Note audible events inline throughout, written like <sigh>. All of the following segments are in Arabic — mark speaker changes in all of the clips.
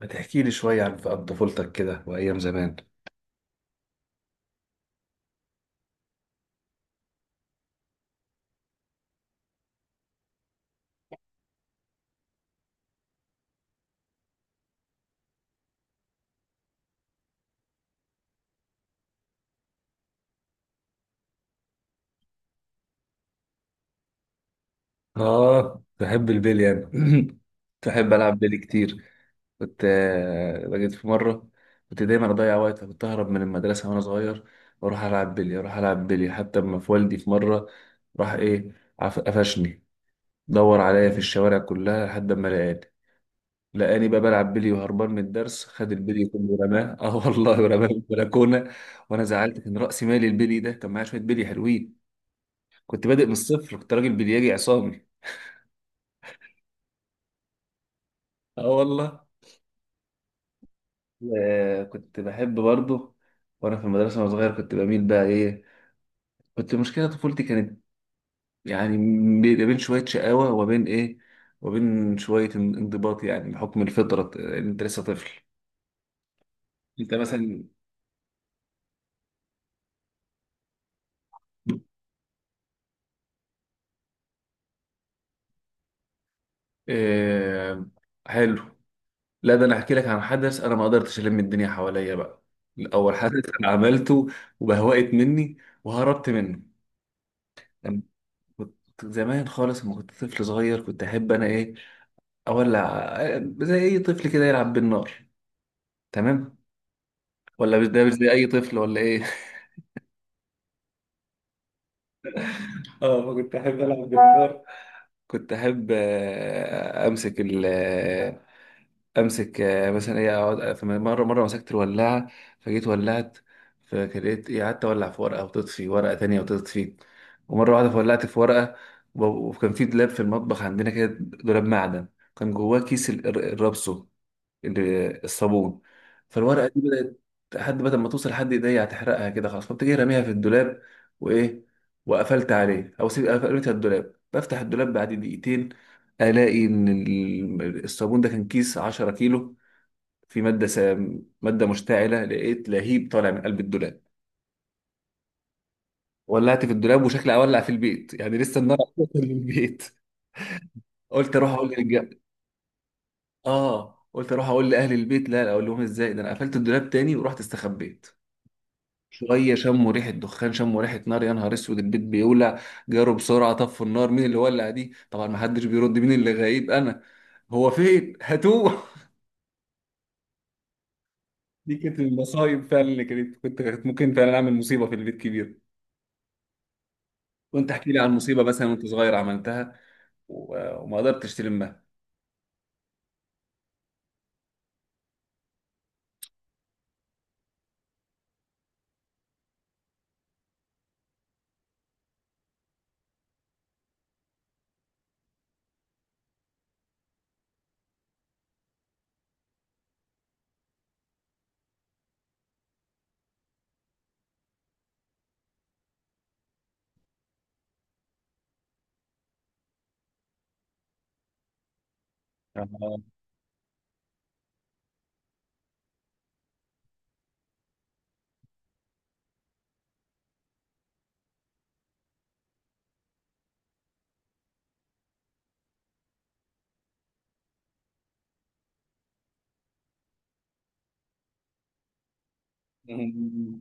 Speaker 1: ما تحكي لي شوية عن طفولتك كده وأيام زمان. آه، بحب البلي أنا. تحب، <clears throat> ألعب بيلي كتير. كنت لقيت في مرة. كنت دايما أضيع وقت، كنت أهرب من المدرسة وأنا صغير وأروح ألعب بيلي، أروح ألعب بيلي حتى أما في والدي في مرة، راح إيه، قفشني. دور عليا في الشوارع كلها لحد ما لقاني بقى بلعب بيلي وهربان من الدرس. خد البيلي كله ورماه <laughs> اه والله، ورماه في البلكونه. وانا زعلت، كان راسي مالي البيلي ده، كان معايا شويه بيلي حلوين. كنت بادئ من الصفر، كنت راجل بلياجي عصامي. اه والله. كنت بحب برضه. وانا في المدرسه وانا صغير كنت بميل بقى ايه. مشكله طفولتي كانت، يعني، بين بين شويه شقاوه وبين ايه، وبين شويه انضباط، يعني بحكم الفطره، ان انت لسه طفل. انت مثلا. آه. حلو. لا، ده انا احكي لك عن حدث انا ما قدرتش الم الدنيا حواليا بقى. اول حدث انا عملته وبهوقت مني، وهربت منه. كنت زمان خالص لما كنت طفل صغير كنت احب انا ايه؟ اولع. زي اي طفل كده يلعب بالنار. تمام. ولا مش ده، مش زي اي طفل ولا ايه؟ <laughs> اه، فكنت احب العب بالنار. كنت احب امسك ال آه، امسك مثلا ايه، اقعد مره مره مسكت الولاعه، فجيت ولعت، فكريت ايه، قعدت اولع في ورقه وتطفي، ورقه تانية وتطفي، ومره واحده فولعت في ورقه. وكان في دولاب في المطبخ عندنا كده، دولاب معدن. كان جواه كيس الرابسو، الصابون. فالورقه دي بدات لحد بدل ما توصل لحد ايديا هتحرقها، كده خلاص، فقمت جاي راميها في الدولاب وايه، وقفلت عليه او سيب، قفلتها الدولاب. بفتح الدولاب بعد دقيقتين الاقي ان الصابون ده كان كيس 10 كيلو، في ماده سام، ماده مشتعله. لقيت لهيب طالع من قلب الدولاب. ولعت في الدولاب، وشكلي اولع في البيت يعني، لسه النار هتوصل للبيت. قلت اروح اقول اه، قلت اروح اقول لاهل البيت. لا لا، اقول لهم ازاي؟ ده انا قفلت الدولاب تاني ورحت استخبيت. شويه شموا ريحه دخان، شموا ريحه نار، يا نهار اسود البيت بيولع. جاروا بسرعه طفوا النار. مين اللي ولع دي؟ طبعا ما حدش بيرد. مين اللي غايب؟ انا. هو فين؟ هاتوه. <laughs> دي كانت المصايب فعلا اللي كانت. كنت ممكن فعلا اعمل مصيبه في البيت كبير. وانت احكي لي عن مصيبه مثلا وانت صغير عملتها وما قدرتش تلمها. آه. <laughs>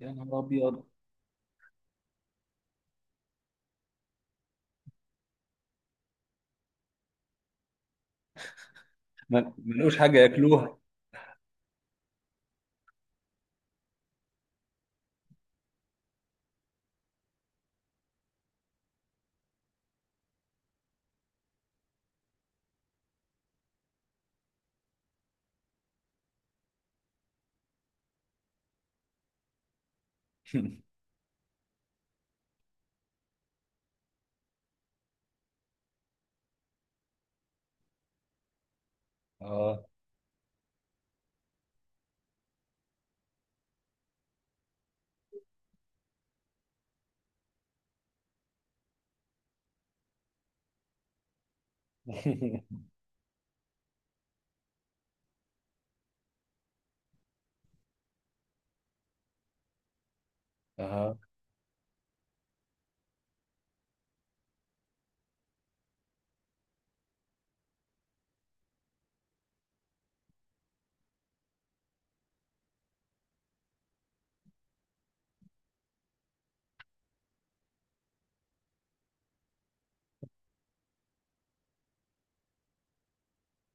Speaker 1: يا نهار ابيض. ما لقوش حاجه ياكلوها. <laughs> اه <laughs> اه،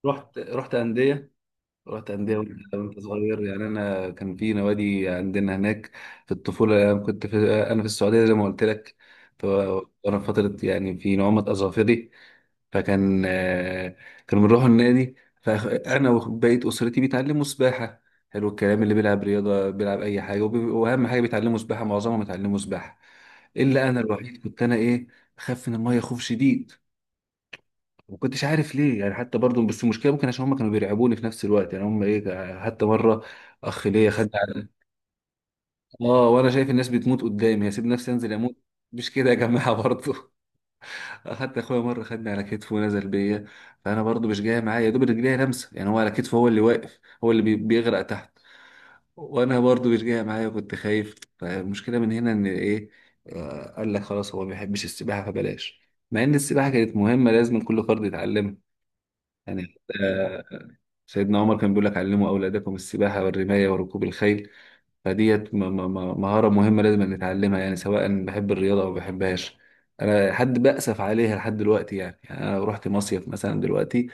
Speaker 1: رحت انديه. رحت أندية، وأنت صغير؟ يعني أنا كان في نوادي عندنا هناك. في الطفولة أنا كنت في، أنا في السعودية زي ما قلت لك. وأنا في فترة يعني في نعومة أظافري، فكان كانوا بنروحوا النادي. فأنا وبقية أسرتي بيتعلموا سباحة. حلو الكلام، اللي بيلعب رياضة بيلعب أي حاجة، وأهم حاجة بيتعلموا سباحة، معظمهم بيتعلموا سباحة، إلا أنا الوحيد، كنت أنا إيه؟ بخاف من المية خوف شديد. ما كنتش عارف ليه يعني، حتى برضو، بس المشكله ممكن عشان هم كانوا بيرعبوني في نفس الوقت، يعني هم ايه، حتى مره اخ ليا خد على، اه وانا شايف الناس بتموت قدامي هسيب نفسي انزل اموت؟ مش كده يا جماعه برضو. <laughs> حتى اخويا مره خدني على كتفه ونزل بيا، فانا برضو مش جاي معايا، يا دوب رجليا لمسه يعني، هو على كتفه هو اللي واقف، هو اللي بيغرق تحت، وانا برضو مش جاي معايا، كنت خايف. فالمشكله من هنا ان ايه؟ قال لك خلاص هو ما بيحبش السباحه فبلاش. مع ان السباحه كانت مهمه، لازم كل فرد يتعلمها يعني. آه. سيدنا عمر كان بيقول لك علموا أولادكم السباحة والرماية وركوب الخيل. فديت مهارة مهمة لازم نتعلمها يعني، سواء بحب الرياضة أو ما بحبهاش. أنا حد بأسف عليها لحد دلوقتي، يعني أنا لو رحت مصيف مثلا دلوقتي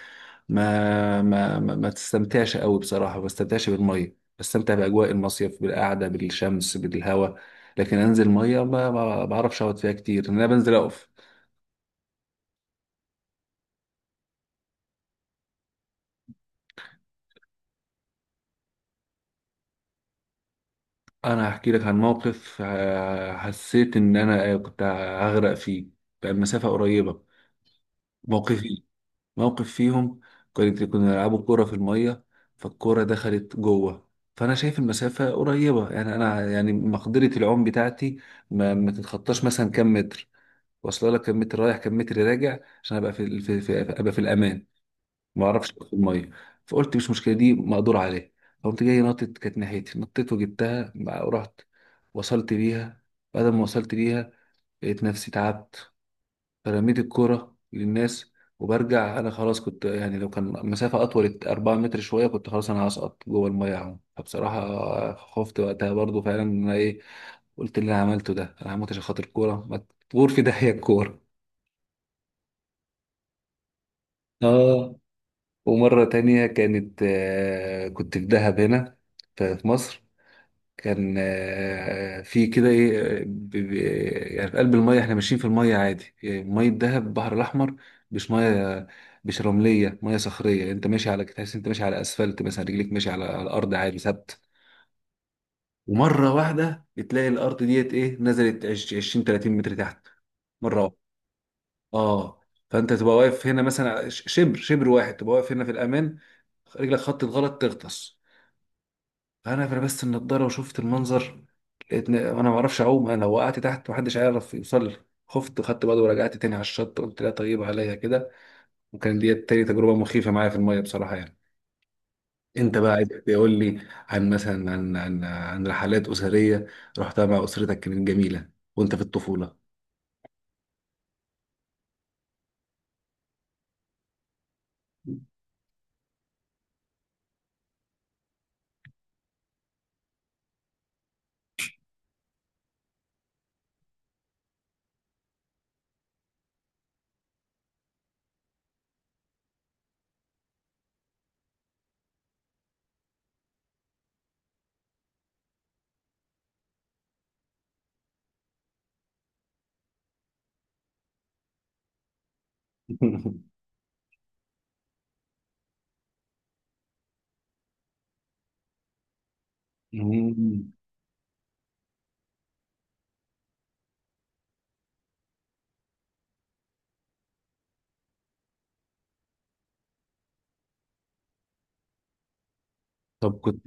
Speaker 1: ما تستمتعش قوي بصراحة، ما بستمتعش بالمية، بستمتع بأجواء المصيف، بالقعدة، بالشمس، بالهواء. لكن أنزل مية ما بعرفش أقعد فيها كتير، إن أنا بنزل أقف. أنا هحكي لك عن موقف حسيت إن أنا كنت هغرق فيه. كان مسافة قريبة. موقفي، موقف فيهم، كنا بنلعبوا كورة في المية. فالكورة دخلت جوه، فأنا شايف المسافة قريبة يعني، أنا يعني مقدرة العوم بتاعتي ما تتخطاش مثلا كام متر، واصلة لك كام متر رايح، كام متر راجع، عشان أبقى في, في, في أبقى في الأمان. ما أعرفش أبقى في المية. فقلت مش مشكلة، دي مقدور عليها. فقمت جاي نطت، كانت ناحيتي، نطيت وجبتها ورحت وصلت بيها. بعد ما وصلت بيها لقيت نفسي تعبت، فرميت الكرة للناس، وبرجع انا خلاص، كنت يعني لو كان مسافة اطول 4 متر شوية كنت خلاص انا هسقط جوه المية اهو. فبصراحة خفت وقتها برضو فعلا ان انا ايه. قلت اللي انا عملته ده، انا هموت عشان خاطر الكورة؟ ما تغور في داهية الكورة. اه. ومرة تانية كانت آه كنت في دهب هنا، في مصر. كان في كده ايه يعني في قلب الميه، احنا ماشيين في الميه عادي يعني، ميه دهب البحر الاحمر، مش ميه، مش رمليه، ميه صخريه، انت ماشي على، تحس انت ماشي على اسفلت مثلا، رجليك ماشي على الارض عادي ثابت. ومره واحده بتلاقي الارض ديت ايه، نزلت 20 30 متر تحت، مره واحده. اه، فانت تبقى واقف هنا مثلا شبر واحد تبقى واقف هنا في الامان، رجلك خطت غلط تغطس. انا لبست النضاره وشفت المنظر، لقيت انا ما اعرفش اعوم، انا لو وقعت تحت محدش هيعرف يوصل لي. خفت خدت بعض ورجعت تاني على الشط، قلت لا طيب عليا كده. وكان دي تاني تجربه مخيفه معايا في الميه بصراحه يعني. انت بقى عايز تقول لي عن مثلا عن رحلات اسريه رحتها مع اسرتك كانت جميله وانت في الطفوله. <laughs> مم. طب كنت.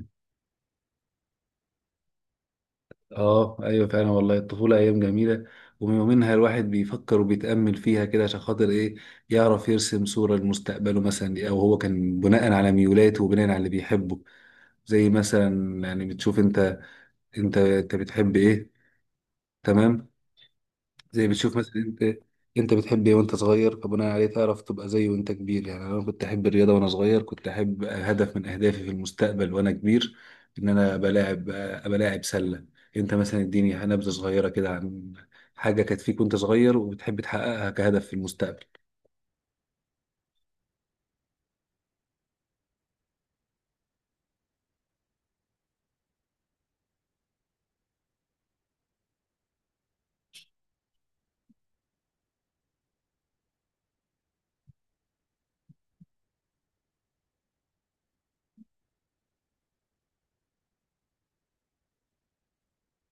Speaker 1: اه ايوه، فعلا والله، الطفوله ايام جميله، ومنها الواحد بيفكر وبيتامل فيها كده عشان خاطر ايه؟ يعرف يرسم صوره لمستقبله مثلا، او هو كان بناء على ميولاته وبناء على اللي بيحبه، زي مثلا يعني بتشوف انت، انت بتحب ايه. تمام. زي بتشوف مثلا انت، انت بتحب ايه وانت صغير، فبناء عليه تعرف تبقى زيه وانت كبير يعني. انا كنت احب الرياضه وانا صغير، كنت احب هدف من اهدافي في المستقبل وانا كبير ان انا ابقى لاعب سله. انت مثلا اديني نبذه صغيره كده عن حاجه كانت فيك وانت صغير وبتحب تحققها كهدف في المستقبل.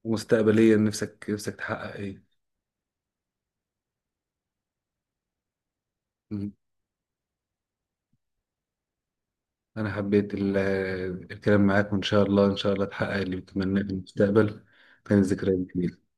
Speaker 1: ومستقبليا نفسك تحقق ايه؟ مم. انا حبيت الكلام معاك، وان شاء الله ان شاء الله تحقق اللي بتتمناه في المستقبل. كانت ذكريات جميله.